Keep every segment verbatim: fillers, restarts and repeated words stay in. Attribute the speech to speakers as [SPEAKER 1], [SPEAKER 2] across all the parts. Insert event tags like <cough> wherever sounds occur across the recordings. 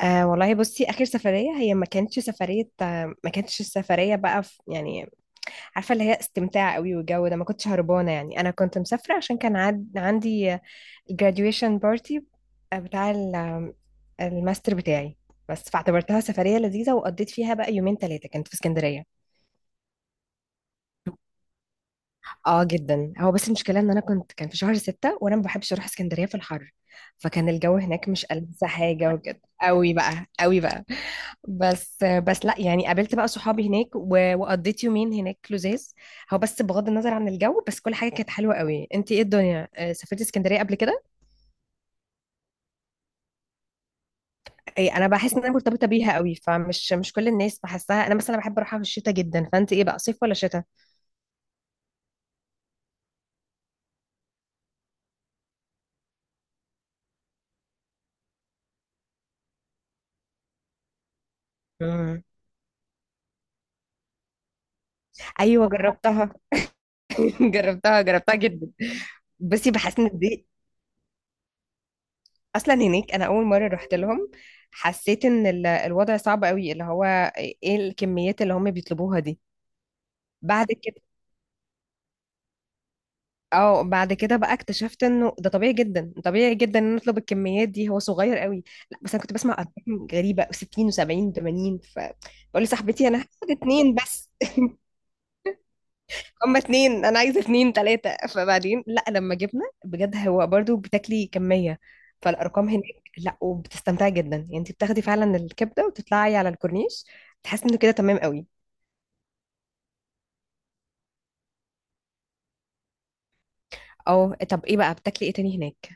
[SPEAKER 1] آه والله بصي. اخر سفريه هي ما كانتش سفريه آه ما كانتش السفريه بقى في، يعني عارفه اللي هي استمتاع قوي، والجو ده ما كنتش هربانه. يعني انا كنت مسافره عشان كان عد عندي graduation party، آه، بتاع ال- آه، الماستر بتاعي. بس فاعتبرتها سفريه لذيذه، وقضيت فيها بقى يومين ثلاثه، كانت في اسكندريه. اه جدا. هو بس المشكله ان انا كنت كان في شهر ستة، وانا ما بحبش اروح اسكندريه في الحر. فكان الجو هناك مش ألذ حاجه، وكده قوي بقى قوي بقى. بس بس لا يعني قابلت بقى صحابي هناك و- وقضيت يومين هناك لزاز. هو بس بغض النظر عن الجو، بس كل حاجه كانت حلوه قوي. انت ايه الدنيا، آه، سافرتي اسكندريه قبل كده؟ اي انا بحس ان انا مرتبطه بيها قوي، فمش مش كل الناس بحسها. انا مثلا بحب اروحها في الشتاء جدا. فانت ايه بقى، صيف ولا شتاء؟ مم. ايوه جربتها. <laughs> جربتها جربتها جدا. بس بحس ان دي اصلا هناك، انا اول مره رحت لهم حسيت ان ال- الوضع صعب قوي، اللي هو ايه الكميات اللي هم بيطلبوها دي. بعد كده. اه، بعد كده بقى اكتشفت انه ده طبيعي جدا، طبيعي جدا ان نطلب الكميات دي، هو صغير قوي. لا بس انا كنت بسمع ارقام غريبه، ستين وسبعين وثمانين، فبقول لصاحبتي انا هاخد اتنين بس. <laughs> هما اتنين، انا عايزه اتنين تلاته، فبعدين لا لما جبنا بجد هو برضو بتاكلي كميه، فالارقام هناك. لا وبتستمتعي جدا، يعني انت بتاخدي فعلا الكبده وتطلعي على الكورنيش، تحسي انه كده تمام قوي. اه، طب ايه بقى بتاكلي ايه تاني هناك؟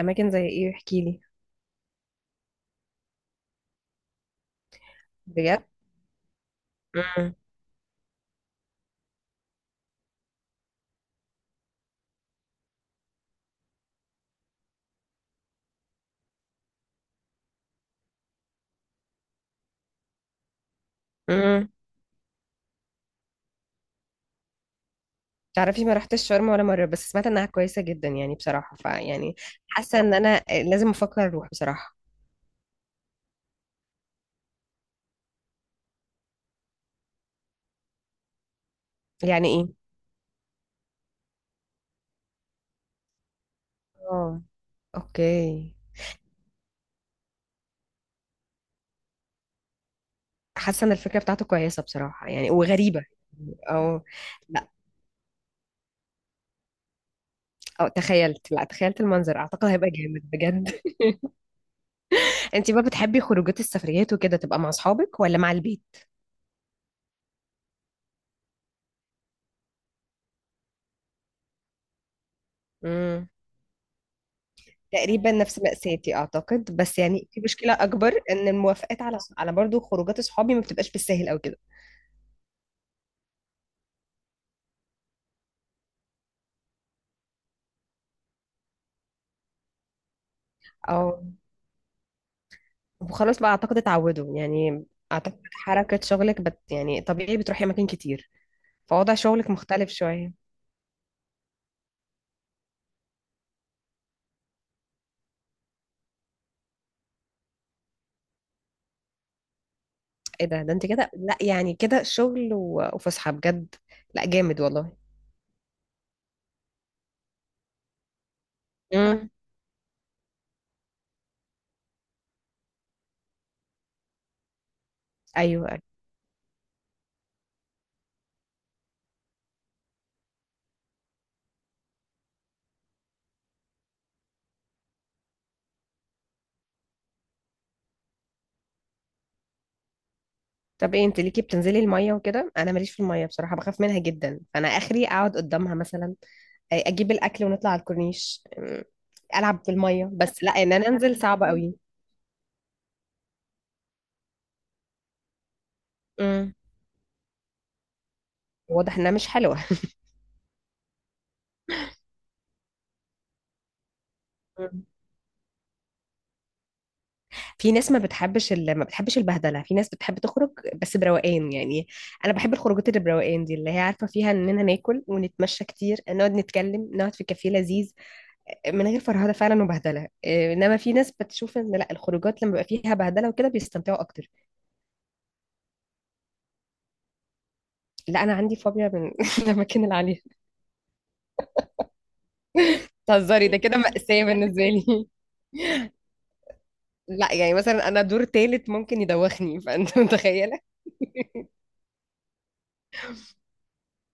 [SPEAKER 1] اماكن زي ايه، احكي لي. بجد. امم تعرفي ما رحتش شرم ولا مرة، بس سمعت انها كويسة جدا يعني بصراحة، فيعني حاسة ان انا لازم افكر اروح بصراحة. يعني ايه؟ اه، اوكي. حاسة ان الفكرة بتاعته كويسة بصراحة يعني، وغريبة. او، لا، او تخيلت، لا، تخيلت المنظر، اعتقد هيبقى جامد بجد. <laughs> انت بقى بتحبي خروجات السفريات وكده تبقى مع اصحابك ولا مع البيت؟ امم تقريبا نفس مأساتي اعتقد، بس يعني في مشكلة اكبر ان الموافقات على على برضو خروجات اصحابي ما بتبقاش بالسهل او كده. اه، وخلاص بقى اعتقد اتعودوا يعني. اعتقد حركة شغلك بت يعني طبيعي بتروحي اماكن كتير، فوضع شغلك مختلف شوية. ايه ده ده انت كده، لا يعني كده شغل و- وفسحة بجد. لا جامد والله. امم ايوه، أيوة. طب ايه، انت ليكي بتنزلي المية وكده؟ انا ماليش في المية بصراحة، بخاف منها جدا، فانا اخري اقعد قدامها مثلا، أي- اجيب الاكل ونطلع على الكورنيش، أمم، العب في المية بس، لا ان انا انزل صعب قوي. امم واضح انها مش حلوة. <laughs> في ناس ما بتحبش ال... ما بتحبش البهدله، في ناس بتحب تخرج بس بروقان يعني. انا بحب الخروجات اللي بروقان دي، اللي هي عارفه فيها اننا ناكل ونتمشى كتير، نقعد نتكلم، نقعد في كافيه لذيذ من غير فرهده فعلا وبهدله، إيه، انما في ناس بتشوف ان لا، الخروجات لما بيبقى فيها بهدله وكده بيستمتعوا اكتر. لا انا عندي فوبيا من <laughs> الاماكن اللي عليها. تهزري، ده كده مأساة بالنسبه لي. <laughs> لا يعني مثلا انا دور تالت ممكن يدوخني، فانت متخيله.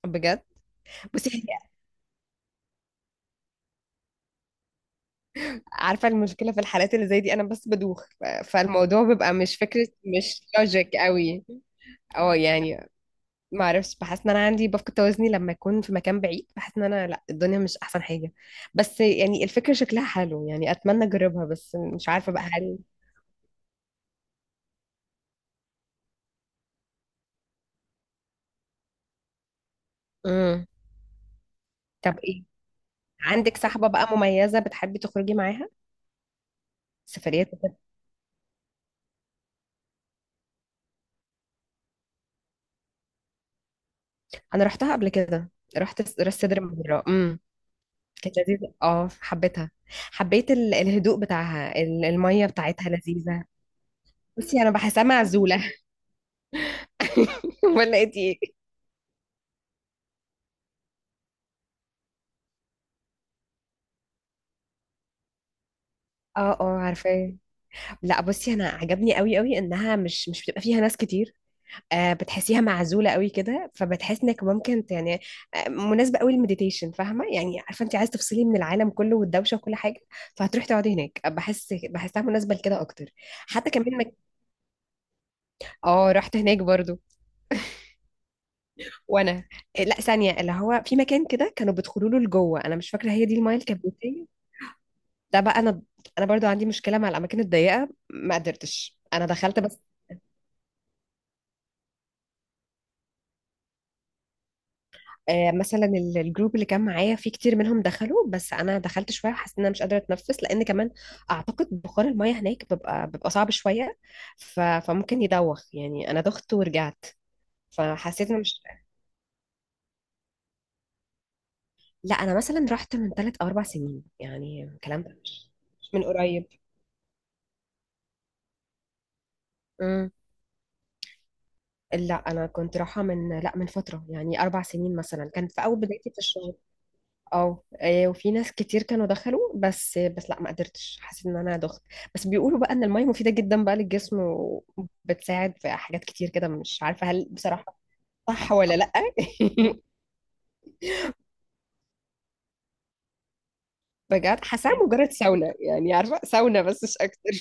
[SPEAKER 1] بجد. بصي، عارفة المشكلة في الحالات اللي زي دي، أنا بس بدوخ، ف- فالموضوع بيبقى مش فكرة، مش لوجيك قوي. اه، يعني ما اعرفش، بحس ان انا عندي بفقد توازني لما اكون في مكان بعيد، بحس ان انا، لا، الدنيا مش احسن حاجة. بس يعني الفكرة شكلها حلو يعني، اتمنى اجربها، بس مش عارفة بقى هل. امم طب ايه، عندك صاحبة بقى مميزة بتحبي تخرجي معاها سفريات وكده؟ انا رحتها قبل كده، رحت س- راس سدر مرة. امم كانت لذيذة، اه حبيتها، حبيت ال- الهدوء بتاعها، ال- المية بتاعتها لذيذة. بصي انا بحسها معزوله، <laughs> ولا انت ايه؟ اه اه، عارفاه. لا بصي انا عجبني قوي قوي انها مش مش بتبقى فيها ناس كتير. آه، بتحسيها معزوله قوي كده، فبتحس انك ممكن ت- يعني، آه مناسبه قوي للمديتيشن، فاهمه يعني عارفه انت عايز تفصلي من العالم كله والدوشه وكل حاجه، فهتروحي تقعدي هناك، بحس بحسها مناسبه لكده اكتر. حتى كمان مك... اه، رحت هناك برضو. وانا. آه لا ثانيه، اللي هو في مكان كده كانوا بيدخلوا له لجوه، انا مش فاكره هي دي المايه الكبريتيه. ده بقى انا انا برضو عندي مشكله مع الاماكن الضيقه، ما قدرتش، انا دخلت بس. آه، مثلا ال- الجروب اللي كان معايا فيه كتير منهم دخلوا، بس انا دخلت شويه وحسيت ان انا مش قادره اتنفس، لان كمان اعتقد بخار الميه هناك بيبقى بيبقى صعب شويه. ف... فممكن يدوخ يعني، انا دخت ورجعت، فحسيت ان مش. لا انا مثلا رحت من ثلاث او اربع سنين يعني، الكلام ده مش، مش من قريب. امم لا انا كنت رايحه من، لا، من فتره يعني اربع سنين مثلا، كان في اول بدايتي في الشغل. اه، إيه، وفي ناس كتير كانوا دخلوا، بس بس لا ما قدرتش، حسيت ان انا دخت. بس بيقولوا بقى ان المية مفيدة جدا بقى للجسم، وبتساعد في حاجات كتير كده، مش عارفة هل بصراحة صح ولا لا. <laughs> بجد، حاساها مجرد ساونا يعني، عارفة ساونا بس مش اكتر.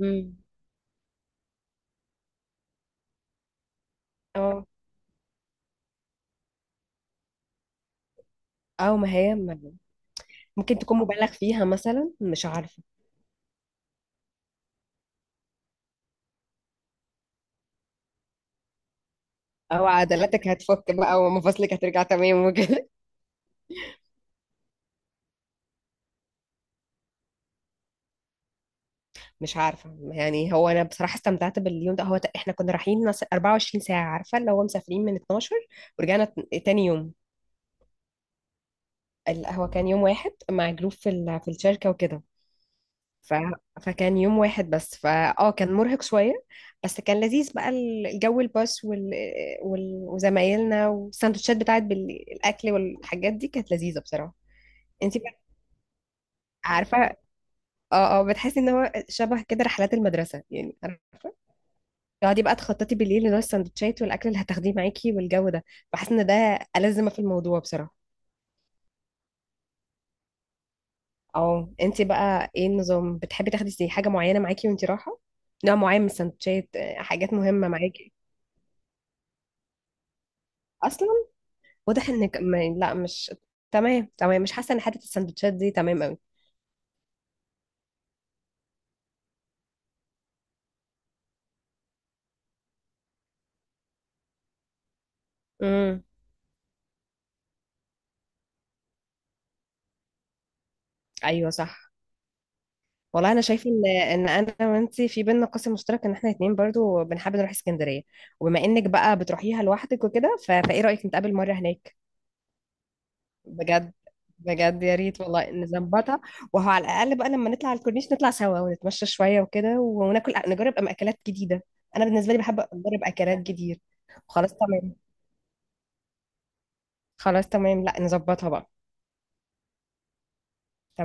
[SPEAKER 1] امم، اه. او ما هي، ما- ممكن تكون مبالغ فيها مثلا، مش عارفة. او عضلاتك هتفك بقى ومفاصلك هترجع تمام وكده. مش عارفة يعني، هو أنا بصراحة استمتعت باليوم ده، هو ت- إحنا كنا رايحين نص- أربعة وعشرين ساعة، عارفة اللي هو مسافرين من اتناشر ورجعنا ت- تاني يوم. ال- هو كان يوم واحد مع جروب في ال... في الشركة وكده. ف... فكان يوم واحد بس، فا اه كان مرهق شوية، بس كان لذيذ بقى، ال- الجو، الباص، وال... وال... وزمايلنا، والسندوتشات بتاعت بالأكل والحاجات دي كانت لذيذة بصراحة. انتي بقى، عارفة، اه اه، بتحسي ان هو شبه كده رحلات المدرسة يعني، تقعدي بقى تخططي بالليل لنوع السندوتشات والاكل اللي هتاخديه معاكي والجو ده، بحس ان ده ألذ ما في الموضوع بصراحه. اه، انت بقى ايه النظام، بتحبي تاخدي زي حاجه معينه معاكي وانت رايحه، نوع معين من السندوتشات، آه، حاجات مهمه معاكي؟ اصلا. واضح انك ما... لا، مش تمام، تمام مش حاسه ان حته السندوتشات دي تمام قوي. امم، ايوه صح. والله انا شايفه ان ان انا وانت في بينا قاسم مشترك، ان احنا اتنين برضو بنحب نروح اسكندريه، وبما انك بقى بتروحيها لوحدك وكده، ف... فايه رايك نتقابل مره هناك؟ بجد، بجد يا ريت والله نظبطها، وهو على الاقل بقى لما نطلع على الكورنيش نطلع سوا ونتمشى شويه وكده وناكل، نجرب أم- اكلات جديده. انا بالنسبه لي بحب اجرب اكلات جديده. خلاص تمام، خلاص تمام، لا نظبطها بقى.